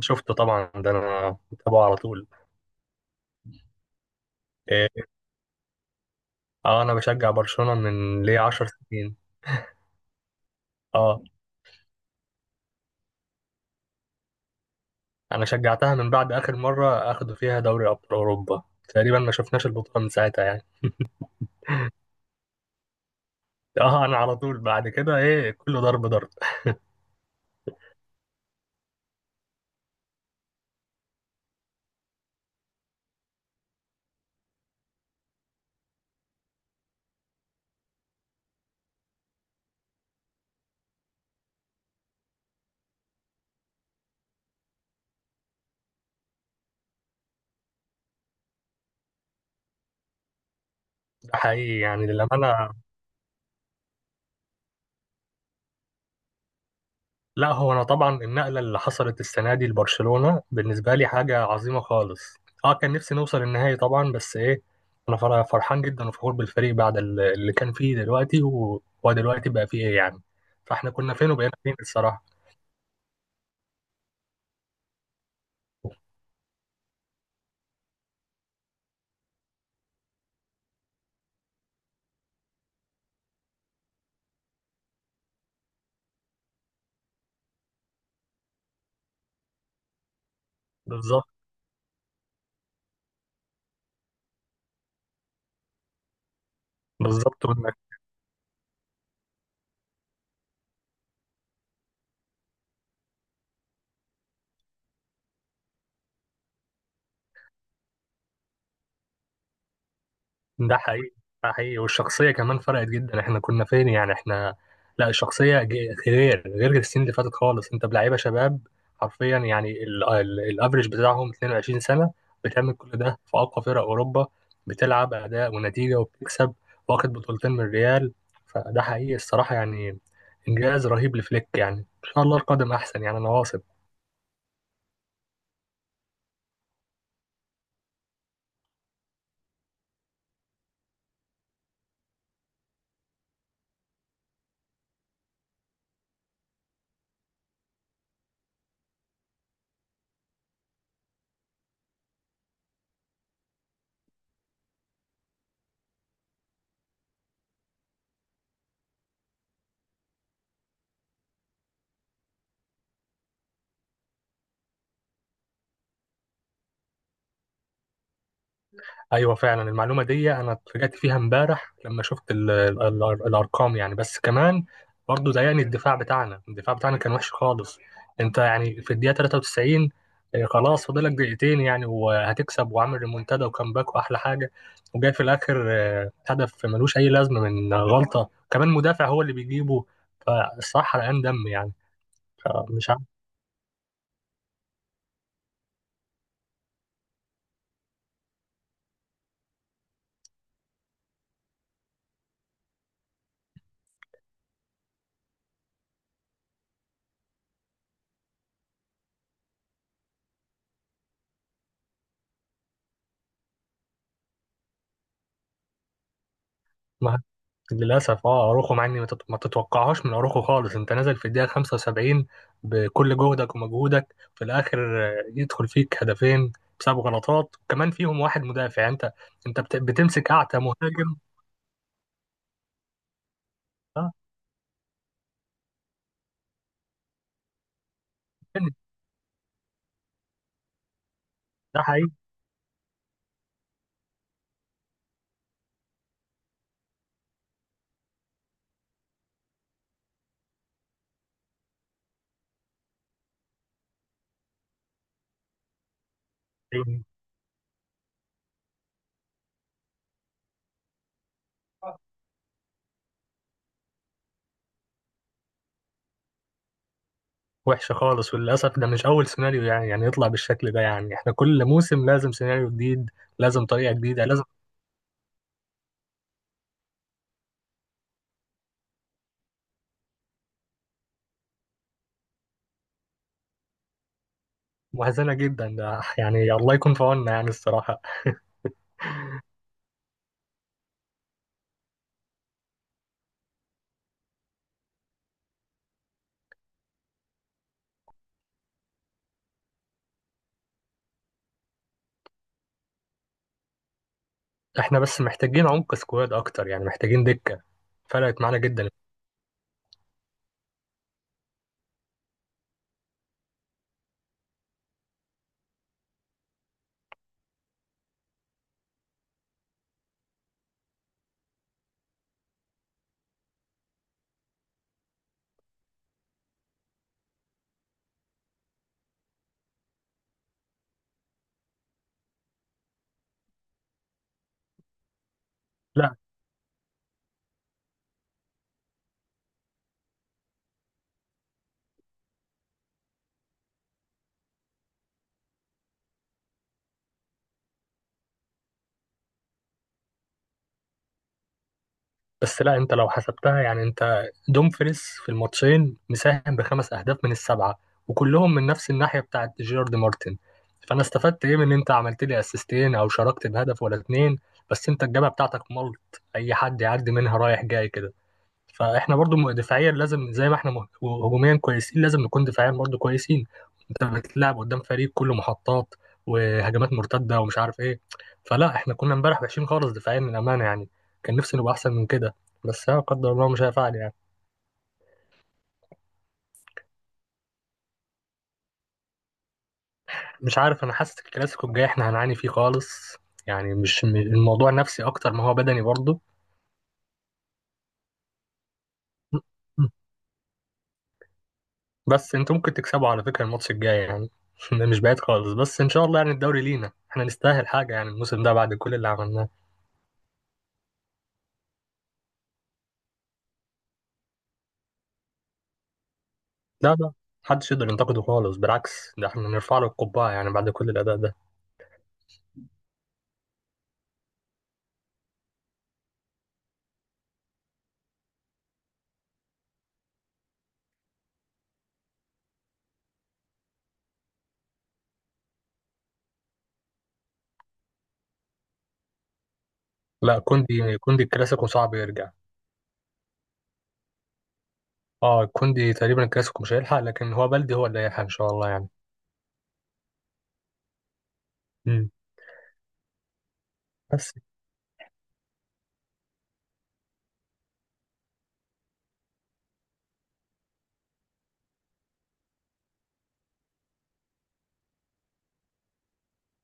شفته طبعا، ده انا متابعه على طول. إيه، اه انا بشجع برشلونة من ليه 10 سنين. اه انا شجعتها من بعد اخر مرة اخدوا فيها دوري ابطال اوروبا. تقريبا ما شفناش البطولة من ساعتها يعني. اه انا على طول بعد كده ايه كله ضرب ضرب ده. حقيقي يعني للأمانة. لا هو انا طبعا النقله اللي حصلت السنه دي لبرشلونه بالنسبه لي حاجه عظيمه خالص. اه كان نفسي نوصل النهائي طبعا، بس ايه، انا فرحان جدا وفخور بالفريق بعد اللي كان فيه دلوقتي وهو دلوقتي بقى فيه ايه يعني. فاحنا كنا فين وبقينا فين الصراحه. بالظبط. بالظبط. ده حقيقي. ده حقيقي، والشخصية كمان فرقت جدا. احنا كنا فين يعني احنا. لا الشخصية غير السنين اللي فاتت خالص. انت بلعيبة شباب حرفيا يعني، الافريج بتاعهم 22 سنة، بتعمل كل ده في أقوى فرق أوروبا. بتلعب أداء ونتيجة وبتكسب. واخد بطولتين من الريال. فده حقيقي الصراحة يعني. إنجاز رهيب لفليك يعني، إن شاء الله القادم أحسن يعني، أنا واثق. ايوه فعلا المعلومه دي انا اتفاجأت فيها امبارح لما شفت ال ال ال الارقام يعني، بس كمان برضه ضايقني الدفاع بتاعنا. الدفاع بتاعنا كان وحش خالص. انت يعني في الدقيقه 93، آه، خلاص فاضلك دقيقتين يعني وهتكسب وعامل ريمونتادا وكامباك واحلى حاجه، وجاي في الاخر آه، هدف ملوش اي لازمه من غلطه كمان مدافع هو اللي بيجيبه. فالصراحه حرقان دم يعني. مش مع- للأسف اه أروخو، مع إني ما تتوقعهاش من أروخو خالص. أنت نازل في الدقيقة 75 بكل جهدك ومجهودك، في الآخر آه، يدخل فيك هدفين بسبب غلطات وكمان فيهم واحد مدافع. أنت بتمسك أعتى مهاجم. اه. ده حقيقي. وحشة خالص، وللأسف ده مش أول سيناريو يعني، يعني يطلع بالشكل ده. يعني إحنا كل موسم لازم سيناريو جديد، لازم طريقة جديده لازم. محزنة جدا، ده يعني الله يكون في عوننا يعني الصراحة. احنا بس محتاجين عمق سكواد اكتر، يعني محتاجين دكة. فرقت معانا جدا. لا. بس لا انت لو حسبتها يعني، انت دومفريس في الماتشين مساهم بخمس اهداف من السبعه، وكلهم من نفس الناحيه بتاعت جيرارد مارتن. فانا استفدت ايه من ان انت عملت لي اسيستين او شاركت بهدف ولا اتنين، بس انت الجبهه بتاعتك ملط اي حد يعدي منها رايح جاي كده. فاحنا برضو دفاعيا لازم، زي ما احنا هجوميا كويسين لازم نكون دفاعيا برضو كويسين. انت بتلعب قدام فريق كله محطات وهجمات مرتده ومش عارف ايه. فلا احنا كنا امبارح وحشين خالص دفاعيا من امانه يعني. كان نفسي نبقى احسن من كده، بس لا قدر الله مش هيفعل يعني. مش عارف، انا حاسس الكلاسيكو الجاي احنا هنعاني فيه خالص. يعني مش م- الموضوع نفسي اكتر ما هو بدني برضو. بس انتوا ممكن تكسبوا على فكره الماتش الجاي يعني. مش بعيد خالص، بس ان شاء الله يعني الدوري لينا، احنا نستاهل حاجه يعني الموسم ده بعد كل اللي عملناه. لا. لا محدش يقدر ينتقده خالص، بالعكس ده احنا نرفع له القبعة يعني بعد كل الأداء ده. لا كوندي الكلاسيكو صعب يرجع. اه كوندي تقريبا الكلاسيكو مش هيلحق، لكن هو بلدي هو اللي هيلحق إن شاء الله يعني. مم. بس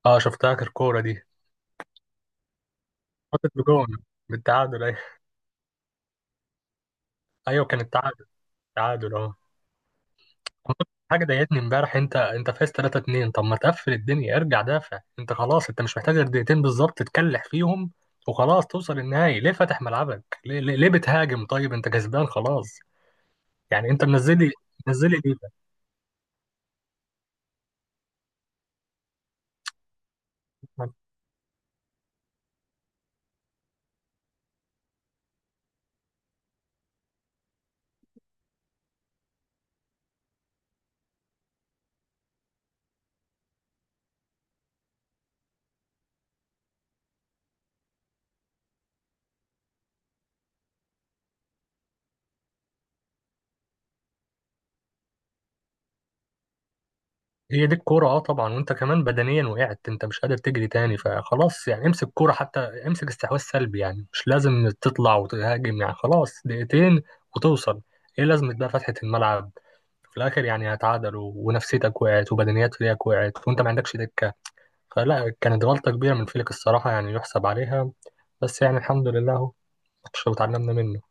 اه شفتها آخر كورة دي. حطت بجون. بالتعادل. أيوة. أيوة كان التعادل. التعادل اه. حاجة ضايقتني امبارح، انت فايز 3-2. طب ما تقفل الدنيا، ارجع دافع، انت خلاص انت مش محتاج غير دقيقتين بالظبط تكلح فيهم وخلاص توصل النهائي. ليه فاتح ملعبك؟ ليه، ليه، ليه بتهاجم؟ طيب انت كسبان خلاص يعني. انت منزلي. منزلي ليه ده؟ هي دي الكوره. اه طبعا، وانت كمان بدنيا وقعت انت مش قادر تجري تاني، فخلاص يعني امسك كوره حتى، امسك استحواذ سلبي يعني، مش لازم تطلع وتهاجم يعني خلاص دقيقتين وتوصل. ايه لازمة بقى فتحة الملعب؟ في الاخر يعني هتعادلوا، ونفسيتك وقعت، وبدنيات فريقك وقعت، وانت ما عندكش دكة. فلا كانت غلطة كبيرة من فليك الصراحة يعني، يحسب عليها. بس يعني الحمد لله اهو، ماتش وتعلمنا منه.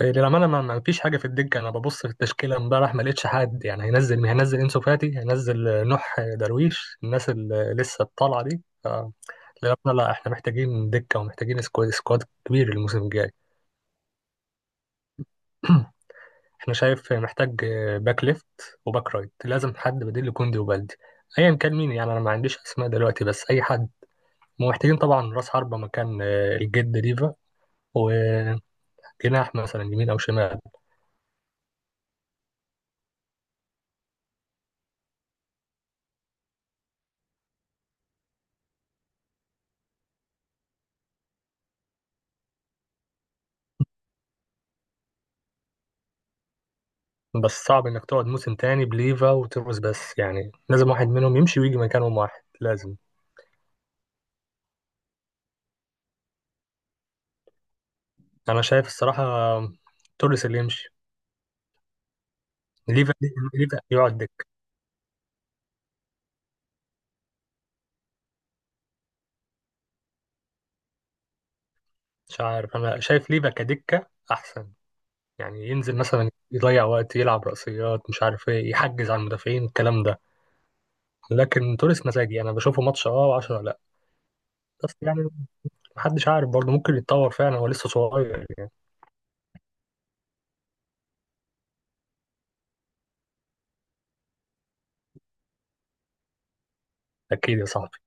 إيه، للأمانة ما فيش حاجة في الدكة. أنا ببص في التشكيلة امبارح ما لقيتش حد يعني هينزل. مين هينزل؟ إنسو فاتي هينزل، آه، نوح درويش، الناس اللي لسه الطالعة دي، للأمانة لا، إحنا محتاجين دكة ومحتاجين سكواد، سكواد كبير الموسم الجاي. إحنا شايف محتاج آه، باك ليفت وباك رايت، لازم حد بديل لكوندي وبالدي. أيا كان مين يعني، أنا ما عنديش أسماء دلوقتي بس أي حد. ومحتاجين طبعا رأس حربة مكان آه، الجد ديفا، وجناح مثلا يمين أو شمال. بس صعب انك تقعد موسم تاني بليفا وتروس، بس يعني لازم واحد منهم يمشي ويجي مكانهم واحد لازم. انا شايف الصراحة توريس اللي يمشي. ليفا، ليفا يقعد دكة. مش عارف، انا شايف ليفا كدكة احسن. يعني ينزل مثلا يضيع وقت، يلعب رأسيات، مش عارف ايه، يحجز على المدافعين الكلام ده. لكن توريس مزاجي، انا بشوفه ماتش اه وعشرة لا. بس يعني محدش عارف برضه، ممكن يتطور فعلا، هو لسه صغير يعني. اكيد يا صاحبي.